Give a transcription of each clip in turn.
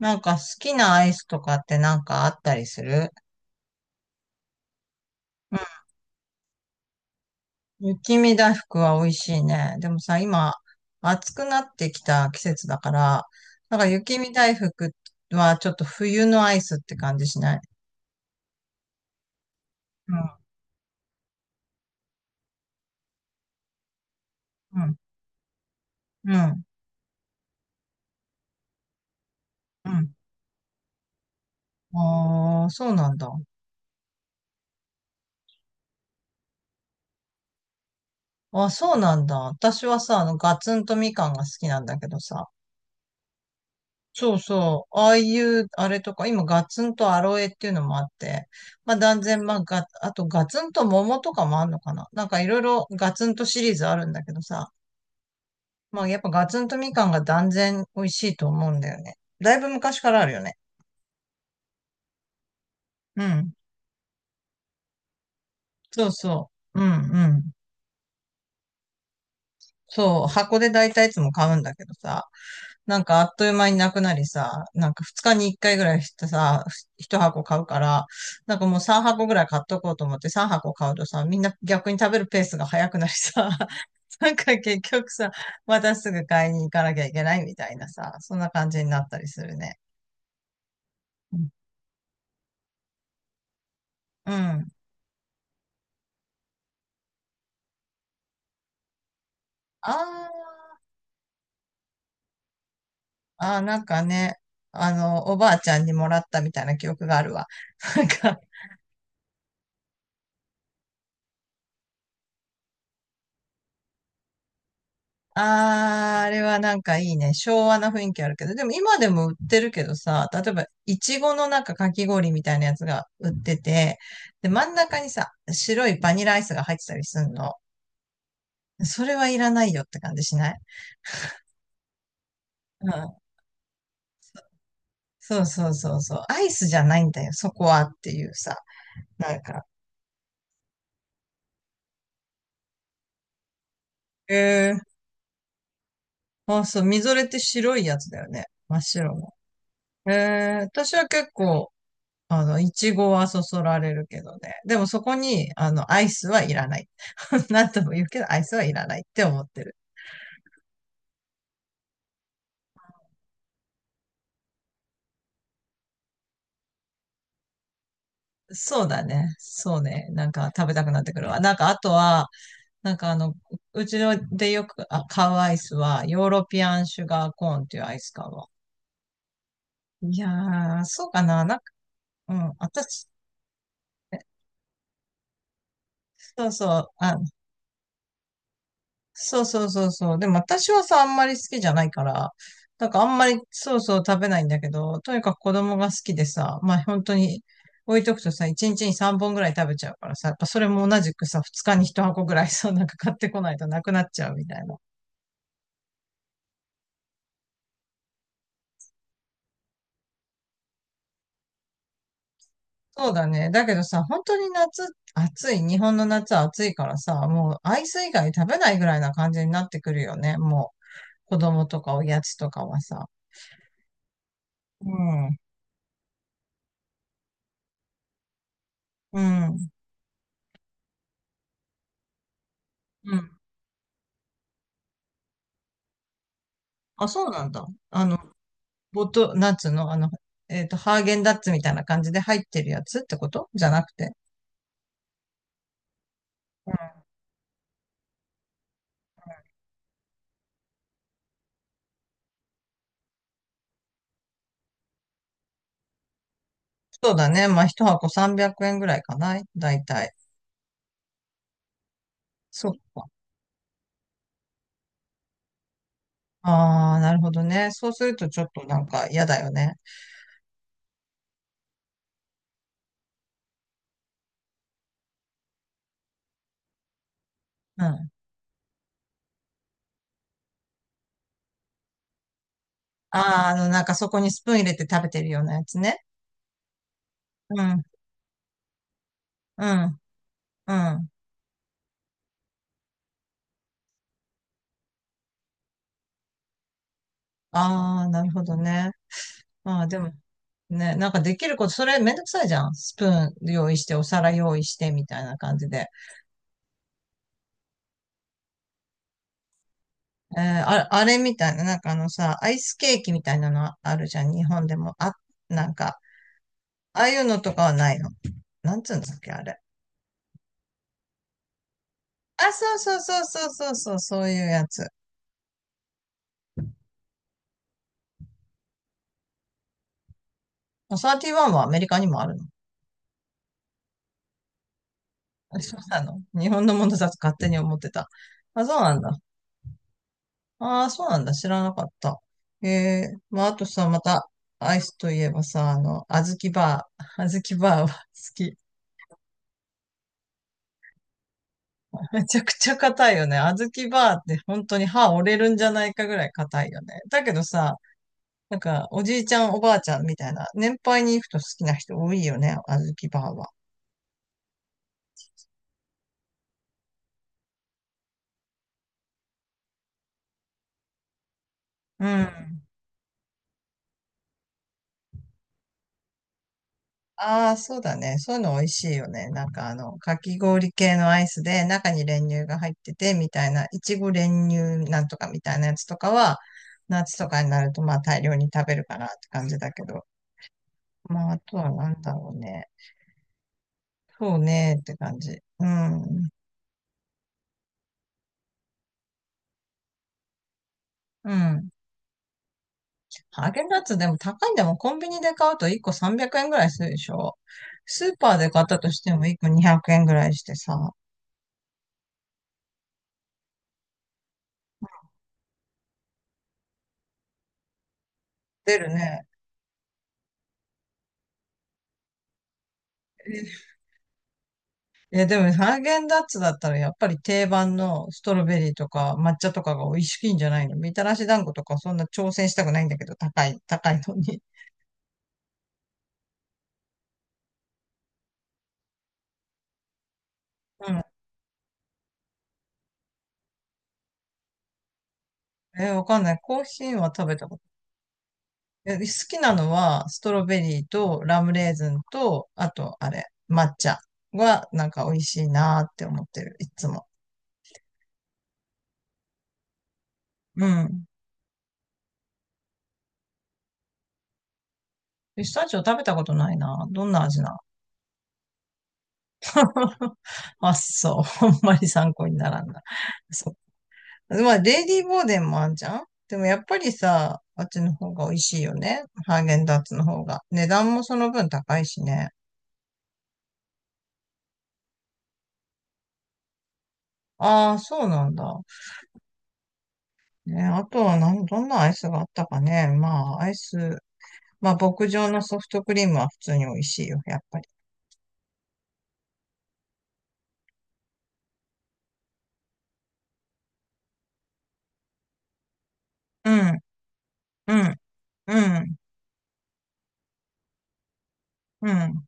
なんか好きなアイスとかってなんかあったりする？うん。雪見大福は美味しいね。でもさ、今、暑くなってきた季節だから、なんか雪見大福はちょっと冬のアイスって感じしない？うん、うん、うん、うん。ああ、そうなんだ。あ、そうなんだ。私はさ、ガツンとみかんが好きなんだけどさ、そうそう。ああいう、あれとか、今、ガツンとアロエっていうのもあって、まあ、断然、まあ、あと、ガツンと桃とかもあんのかな。なんか、いろいろガツンとシリーズあるんだけどさ、まあ、やっぱガツンとみかんが断然美味しいと思うんだよね。だいぶ昔からあるよね。うん。そうそう。うん、うん。そう。箱で大体いつも買うんだけどさ、なんかあっという間になくなりさ、なんか2日に1回ぐらいしてさ、1箱買うから、なんかもう3箱ぐらい買っとこうと思って3箱買うとさ、みんな逆に食べるペースが早くなりさ、なんか結局さ、またすぐ買いに行かなきゃいけないみたいなさ、そんな感じになったりするね。うんうん。あーあー、なんかね、おばあちゃんにもらったみたいな記憶があるわ。なんか、あー、あれはなんかいいね。昭和な雰囲気あるけど。でも今でも売ってるけどさ、例えば、いちごのなんかかき氷みたいなやつが売ってて、で、真ん中にさ、白いバニラアイスが入ってたりすんの。それはいらないよって感じしない？うん。そうそうそうそう。アイスじゃないんだよ、そこはっていうさ。なんか、えー、あ、そう、みぞれって白いやつだよね。真っ白の。え私は結構、いちごはそそられるけどね。でもそこに、アイスはいらない。なんとも言うけど、アイスはいらないって思ってる。そうだね。そうね。なんか食べたくなってくるわ。なんかあとは、なんかうちのでよく買うアイスは、ヨーロピアンシュガーコーンっていうアイス買うわ。いやー、そうかな。なんか、うん、私、そうそう、あ、そうそうそうそう。でも私はさ、あんまり好きじゃないから、なんかあんまりそうそう食べないんだけど、とにかく子供が好きでさ、まあ本当に置いとくとさ、1日に3本ぐらい食べちゃうからさ、やっぱそれも同じくさ、2日に1箱ぐらいさ、なんか買ってこないとなくなっちゃうみたいな。そうだね。だけどさ、本当に夏、暑い。日本の夏は暑いからさ、もうアイス以外食べないぐらいな感じになってくるよね。もう、子供とかおやつとかはさ。うん。うん。うん。あ、そうなんだ。なんつうの、ハーゲンダッツみたいな感じで入ってるやつってことじゃなくて。うん。そうだね。まあ、一箱300円ぐらいかな。だいたい。そっか。ああ、なるほどね。そうするとちょっとなんか嫌だよね。うん。ああ、なんかそこにスプーン入れて食べてるようなやつね。うん、うん、うん。ああ、なるほどね。まあ、でも、ね、なんかできること、それめんどくさいじゃん。スプーン用意して、お皿用意して、みたいな感じで。あれみたいな、なんかあのさ、アイスケーキみたいなのあるじゃん、日本でも。あ、なんか、ああいうのとかはないの？なんつうんだっけ、あれ。あ、そうそうそうそうそうそう、そういうやつ。サーティワンはアメリカにもあるの？あ、そうなの。日本のものだと勝手に思ってた。あ、そうなんだ。ああ、そうなんだ。知らなかった。ええまあ、あとさ、また、アイスといえばさ、あずきバー。あずきバーは好き。めちゃくちゃ硬いよね。小豆バーって本当に歯折れるんじゃないかぐらい硬いよね。だけどさ、なんかおじいちゃんおばあちゃんみたいな、年配に行くと好きな人多いよね、小豆バーは。うん。ああ、そうだね。そういうの美味しいよね。なんかかき氷系のアイスで中に練乳が入っててみたいな、いちご練乳なんとかみたいなやつとかは、夏とかになるとまあ大量に食べるかなって感じだけど。まああとはなんだろうね。そうねって感じ。うん。うん。ハーゲンダッツでも高いんだもん。コンビニで買うと1個300円ぐらいするでしょ。スーパーで買ったとしても1個200円ぐらいしてさ、出るね。え、でもハーゲンダッツだったらやっぱり定番のストロベリーとか抹茶とかが美味しいんじゃないの？みたらし団子とかそんな挑戦したくないんだけど、高い、高いのに。うん。え、わかんない。コーヒーは食べたこと。え、好きなのはストロベリーとラムレーズンと、あとあれ、抹茶はなんか美味しいなーって思ってる、いつも。うん。ピスタチオ食べたことないな。どんな味な？ あ、そう。あんまり参考にならんな。そう。まあ、レディーボーデンもあんじゃん。でもやっぱりさ、あっちの方が美味しいよね。ハーゲンダッツの方が。値段もその分高いしね。ああ、そうなんだ。ね、あとはどんなアイスがあったかね。まあ、アイス。まあ、牧場のソフトクリームは普通に美味しいよ、やっぱり。うん、うん、うん、うん。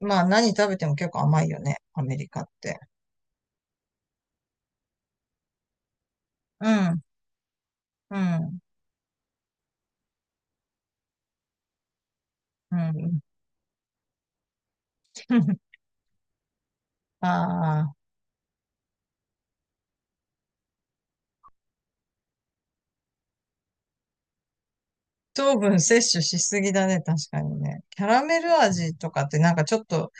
まあ、何食べても結構甘いよね、アメリカって。うん、うん、うん。ああ、糖分摂取しすぎだね、確かにね。キャラメル味とかってなんかちょっと、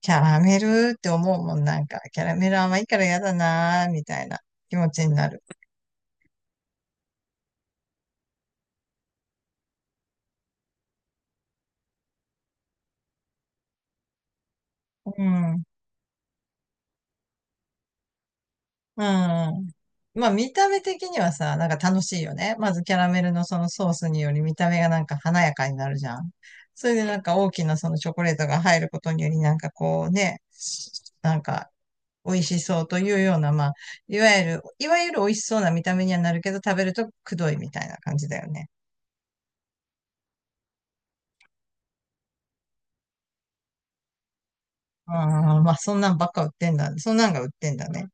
キャラメルって思うもん、なんか、キャラメル甘いから嫌だなー、みたいな気持ちになる。うん。うん。まあ見た目的にはさ、なんか楽しいよね。まずキャラメルのそのソースにより見た目がなんか華やかになるじゃん。それでなんか大きなそのチョコレートが入ることによりなんかこうね、なんか美味しそうというような、まあ、いわゆる、美味しそうな見た目にはなるけど、食べるとくどいみたいな感じだよね。ああ、まあ、そんなんばっか売ってんだ。そんなんが売ってんだね。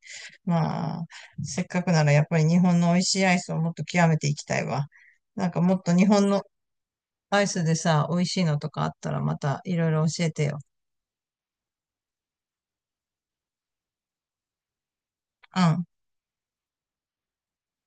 まあ、せっかくならやっぱり日本の美味しいアイスをもっと極めていきたいわ。なんかもっと日本のアイスでさ、美味しいのとかあったらまたいろいろ教えてよ。うん。